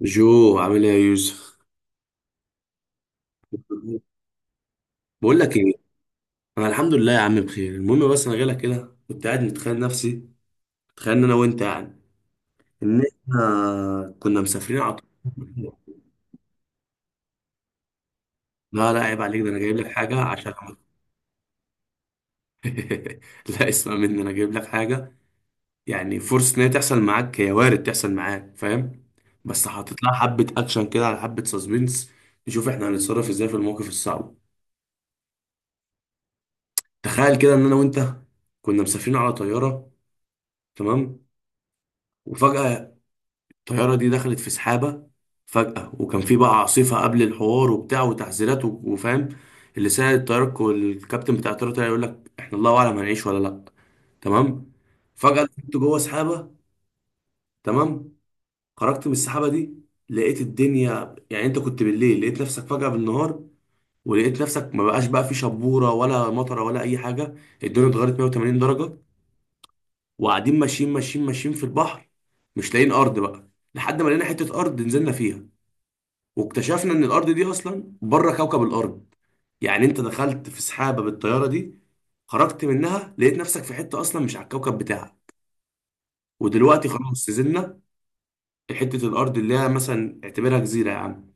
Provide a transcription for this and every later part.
جو عامل ايه يا يوسف؟ بقول لك ايه، انا الحمد لله يا عم بخير. المهم بس انا جاي لك كده، كنت قاعد متخيل نفسي. تخيل ان انا وانت يعني ان احنا كنا مسافرين على طول. لا لا عيب عليك، ده انا جايب لك حاجه عشان لا اسمع مني، انا جايب لك حاجه. يعني فرصه ان هي تحصل معاك، هي وارد تحصل معاك، فاهم؟ بس حاطط لها حبه اكشن كده، على حبه سسبنس. نشوف احنا هنتصرف ازاي في المواقف الصعبه. تخيل كده ان انا وانت كنا مسافرين على طياره، تمام؟ وفجأة الطيارة دي دخلت في سحابة. فجأة وكان في بقى عاصفة قبل الحوار وبتاع، وتحذيرات وفاهم. اللي ساعد الطيارة، الكابتن بتاع الطيارة طلع يقول لك احنا الله أعلم هنعيش ولا لأ. تمام. فجأة كنت جوه سحابة. تمام. خرجت من السحابة دي، لقيت الدنيا يعني انت كنت بالليل لقيت نفسك فجأة بالنهار، ولقيت نفسك ما بقاش بقى في شبورة ولا مطرة ولا أي حاجة. الدنيا اتغيرت 180 درجة. وقاعدين ماشيين ماشيين ماشيين في البحر، مش لاقيين أرض بقى. لحد ما لقينا حتة أرض نزلنا فيها، واكتشفنا ان الارض دي اصلا بره كوكب الارض. يعني انت دخلت في سحابه بالطياره دي، خرجت منها لقيت نفسك في حته اصلا مش على الكوكب بتاعك. ودلوقتي خلاص نزلنا حته الارض اللي هي مثلا اعتبرها جزيره يا عم.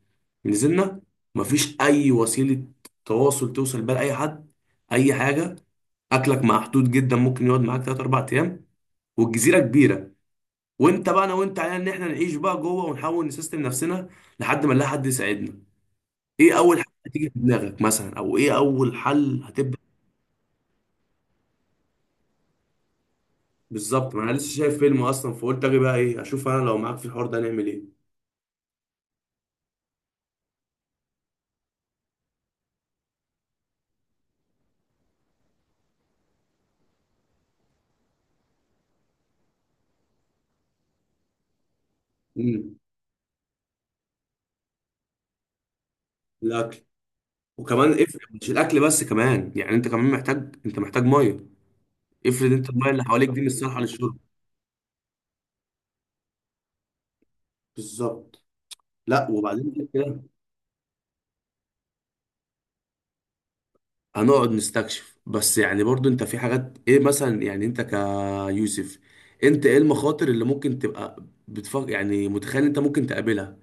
نزلنا، مفيش اي وسيله تواصل توصل بيها لاي حد، اي حاجه. اكلك محدود جدا، ممكن يقعد معاك 3 4 ايام. والجزيره كبيره. وانت بقى، انا وانت علينا ان احنا نعيش بقى جوه ونحاول نسيستم نفسنا لحد ما نلاقي حد يساعدنا. ايه اول حاجه هتيجي في دماغك مثلا، او ايه اول حل هتبدا؟ بالظبط، ما انا لسه شايف فيلم اصلا فقلت اجي بقى ايه، اشوف انا لو معاك في الحوار ده نعمل ايه. امم، الاكل، وكمان افرض مش الاكل بس، كمان يعني انت كمان محتاج. انت محتاج ميه. افرض انت الميه اللي حواليك دي مش صالحه للشرب. بالظبط. لا وبعدين كده هنقعد نستكشف؟ بس يعني برضو انت في حاجات، ايه مثلا؟ يعني انت ك، يوسف، انت ايه المخاطر اللي ممكن تبقى بتفكر يعني متخيل انت ممكن تقابلها؟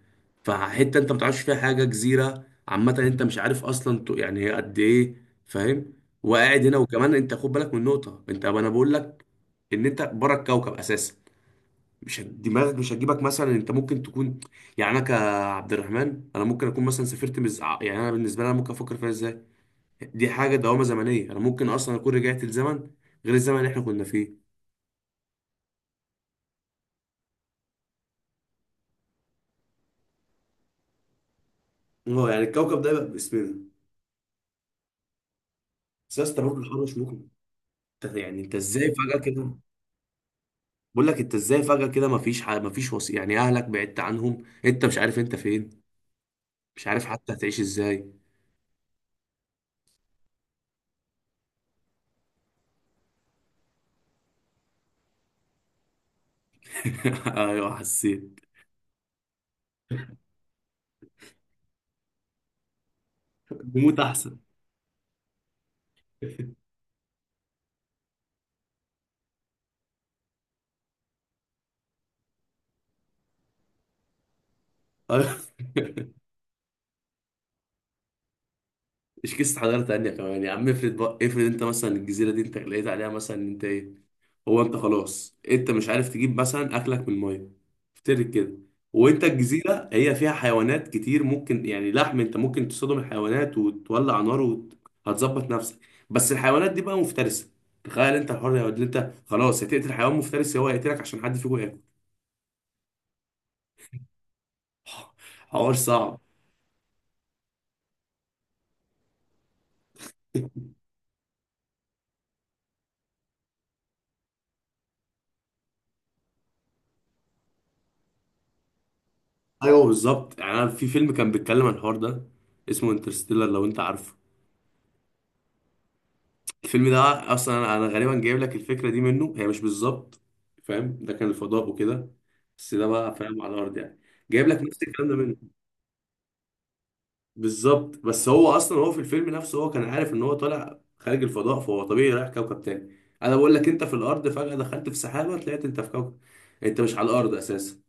فحته انت ما تعرفش فيها حاجه، جزيره عامه انت مش عارف اصلا يعني هي قد ايه، فاهم؟ وقاعد هنا، وكمان انت خد بالك من نقطه، انت انا بقول لك ان انت بره الكوكب اساسا. مش هت- دماغك مش هتجيبك مثلا انت ممكن تكون، يعني انا كعبد الرحمن انا ممكن اكون مثلا سافرت يعني انا بالنسبه لي انا ممكن افكر فيها ازاي. دي حاجه دوامه زمنيه، انا ممكن اصلا اكون رجعت لزمن غير الزمن اللي احنا كنا فيه. اه يعني الكوكب ده يبقى باسمنا. بس يا اسطى برضه الحر مش مقنع. انت يعني انت ازاي فجأة كده؟ بقول لك انت ازاي فجأة كده، مفيش وصي، يعني اهلك بعدت عنهم، انت مش عارف انت فين، مش عارف حتى هتعيش ازاي. ايوه حسيت. نموت احسن. أيوة. مش قصة حضارة تانية كمان يا عم. افرض بقى، افرض انت مثلا الجزيرة دي انت لقيت عليها مثلا ان انت ايه، هو انت خلاص انت مش عارف تجيب مثلا اكلك من الميه. افترض كده. وانت الجزيره هي فيها حيوانات كتير، ممكن يعني لحم، انت ممكن تصطدم الحيوانات وتولع نار وهتظبط نفسك. بس الحيوانات دي بقى مفترسه، تخيل انت الحر يا واد، انت خلاص هتقتل حيوان مفترس هو هيقتلك عشان حد فيكم ياكل. حوار صعب. ايوه بالظبط، يعني انا في فيلم كان بيتكلم عن الحوار ده، اسمه انترستيلر لو انت عارفه. الفيلم ده، اصلا انا غالبا جايب لك الفكره دي منه. هي مش بالظبط فاهم، ده كان الفضاء وكده، بس ده بقى فاهم على الارض يعني، جايب لك نفس الكلام ده منه. بالظبط، بس هو اصلا هو في الفيلم نفسه هو كان عارف ان هو طالع خارج الفضاء، فهو طبيعي رايح كوكب تاني. انا بقول لك انت في الارض فجاه دخلت في سحابه، طلعت انت في كوكب، انت مش على الارض اساسا.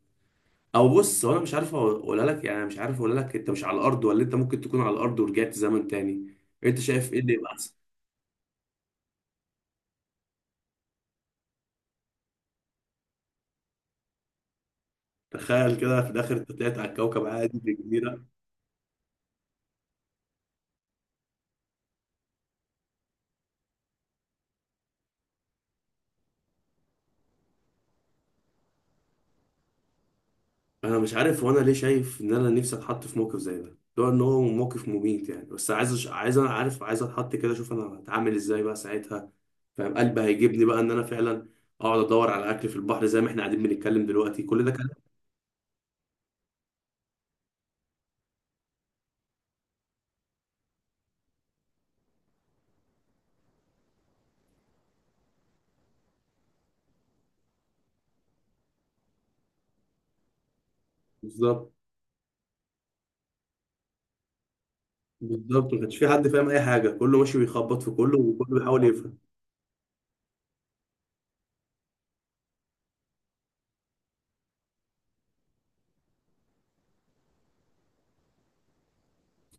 او بص، هو انا مش عارف اقولها لك، يعني أنا مش عارف اقولها لك انت مش على الارض، ولا انت ممكن تكون على الارض ورجعت زمن تاني. انت شايف ايه اللي يبقى احسن؟ تخيل كده في الاخر انت طلعت على الكوكب عادي في الجزيره. انا مش عارف، وانا ليه شايف ان انا نفسي اتحط في موقف زي ده، لو ان هو موقف مميت يعني، بس عايز عايز انا عارف عايز اتحط كده اشوف انا هتعامل ازاي بقى ساعتها، فاهم؟ قلبي هيجيبني بقى ان انا فعلا اقعد ادور على اكل في البحر، زي ما احنا قاعدين بنتكلم دلوقتي كل ده كلام. بالظبط. بالظبط، ما كانش في حد فاهم اي حاجه، كله ماشي بيخبط في كله وكله بيحاول يفهم.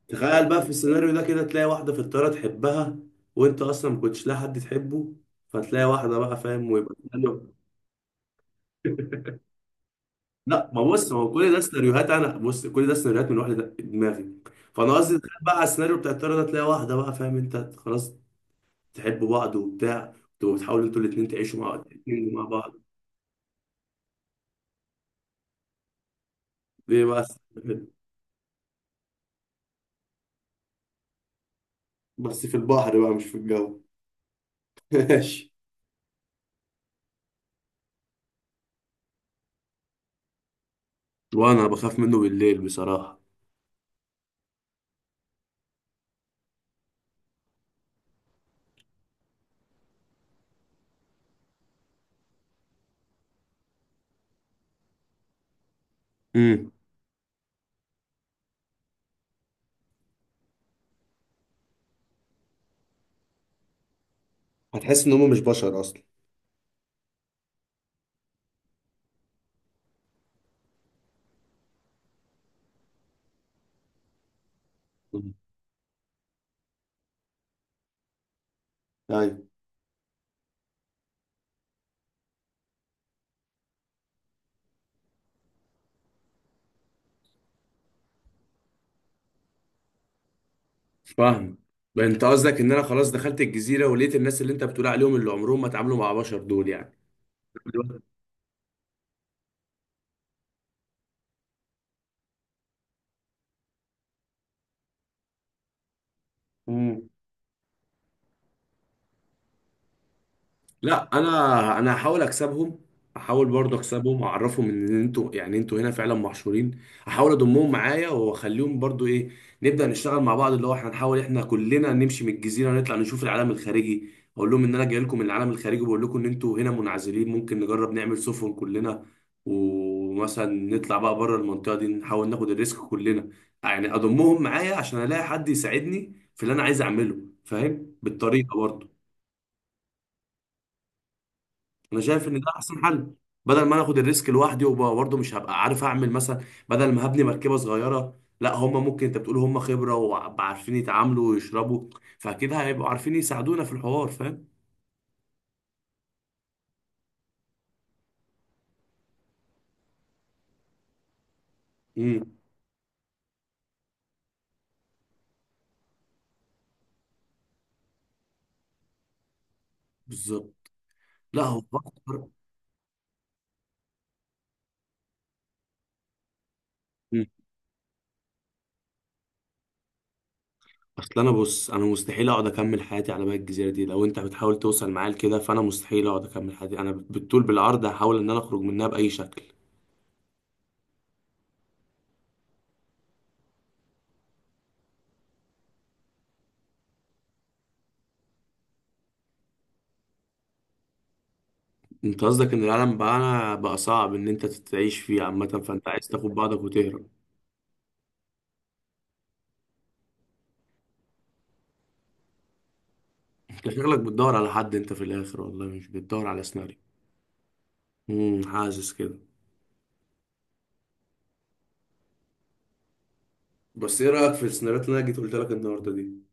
تخيل بقى في السيناريو ده كده تلاقي واحده في الطياره تحبها، وانت اصلا ما كنتش لاقي حد تحبه، فتلاقي واحده بقى فاهم ويبقى. لا ما بص، ما هو كل ده سيناريوهات. انا بص، كل ده سيناريوهات من واحده دماغي. فانا قصدي تخيل بقى على السيناريو بتاع الطياره ده تلاقي واحده بقى فاهم، انت خلاص تحبوا بعض وبتاع، تبقوا بتحاولوا انتوا الاثنين تعيشوا مع الاتنين مع بعض. ليه بس؟ بس في البحر بقى مش في الجو. ماشي. وانا بخاف منه بالليل بصراحه. امم. هتحس ان هم مش بشر اصلا. طيب. فاهم. بقى انت قصدك ان انا خلاص دخلت الجزيره ولقيت الناس اللي انت بتقول عليهم، اللي عمرهم ما اتعاملوا مع بشر دول يعني. مم. لا انا هحاول اكسبهم، احاول برضه اكسبهم واعرفهم ان انتوا يعني انتوا هنا فعلا محشورين. احاول اضمهم معايا واخليهم برضه ايه، نبدا نشتغل مع بعض، اللي هو احنا نحاول احنا كلنا نمشي من الجزيره ونطلع نشوف العالم الخارجي. اقول لهم ان انا جاي لكم من العالم الخارجي، وبقول لكم ان انتوا هنا منعزلين، ممكن نجرب نعمل سفن كلنا، ومثلا نطلع بقى بره المنطقه دي، نحاول ناخد الريسك كلنا. يعني اضمهم معايا عشان الاقي حد يساعدني في اللي انا عايز اعمله، فاهم، بالطريقه برضه. انا شايف ان ده احسن حل. بدل ما انا اخد الريسك لوحدي وبرضه مش هبقى عارف اعمل مثلا، بدل ما هبني مركبه صغيره، لا هم ممكن انت بتقول هم خبره وعارفين يتعاملوا ويشربوا، فاكيد هيبقوا عارفين يساعدونا في الحوار فاهم. امم. بالظبط. لا هو اكتر. مم. اصل انا بص، انا مستحيل اقعد اكمل حياتي على بقى الجزيره دي، لو انت بتحاول توصل معايا لكده فانا مستحيل اقعد اكمل حياتي، انا بالطول بالعرض هحاول ان انا اخرج منها باي شكل. انت قصدك ان العالم بقى صعب ان انت تعيش فيه عامه، فانت عايز تاخد بعضك وتهرب. انت شكلك بتدور على حد انت في الاخر، والله مش بتدور على سيناريو. امم، حاسس كده. بس ايه رايك في السيناريوهات اللي انا جيت قلت لك النهارده دي؟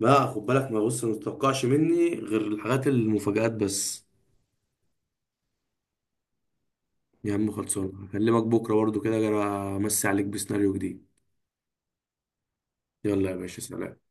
بقى خد بالك، ما بص، ما تتوقعش مني غير الحاجات المفاجآت بس. يا عم خلصان، هكلمك بكره برضو كده أجي امسي عليك بسيناريو جديد. يلا يا باشا، سلام.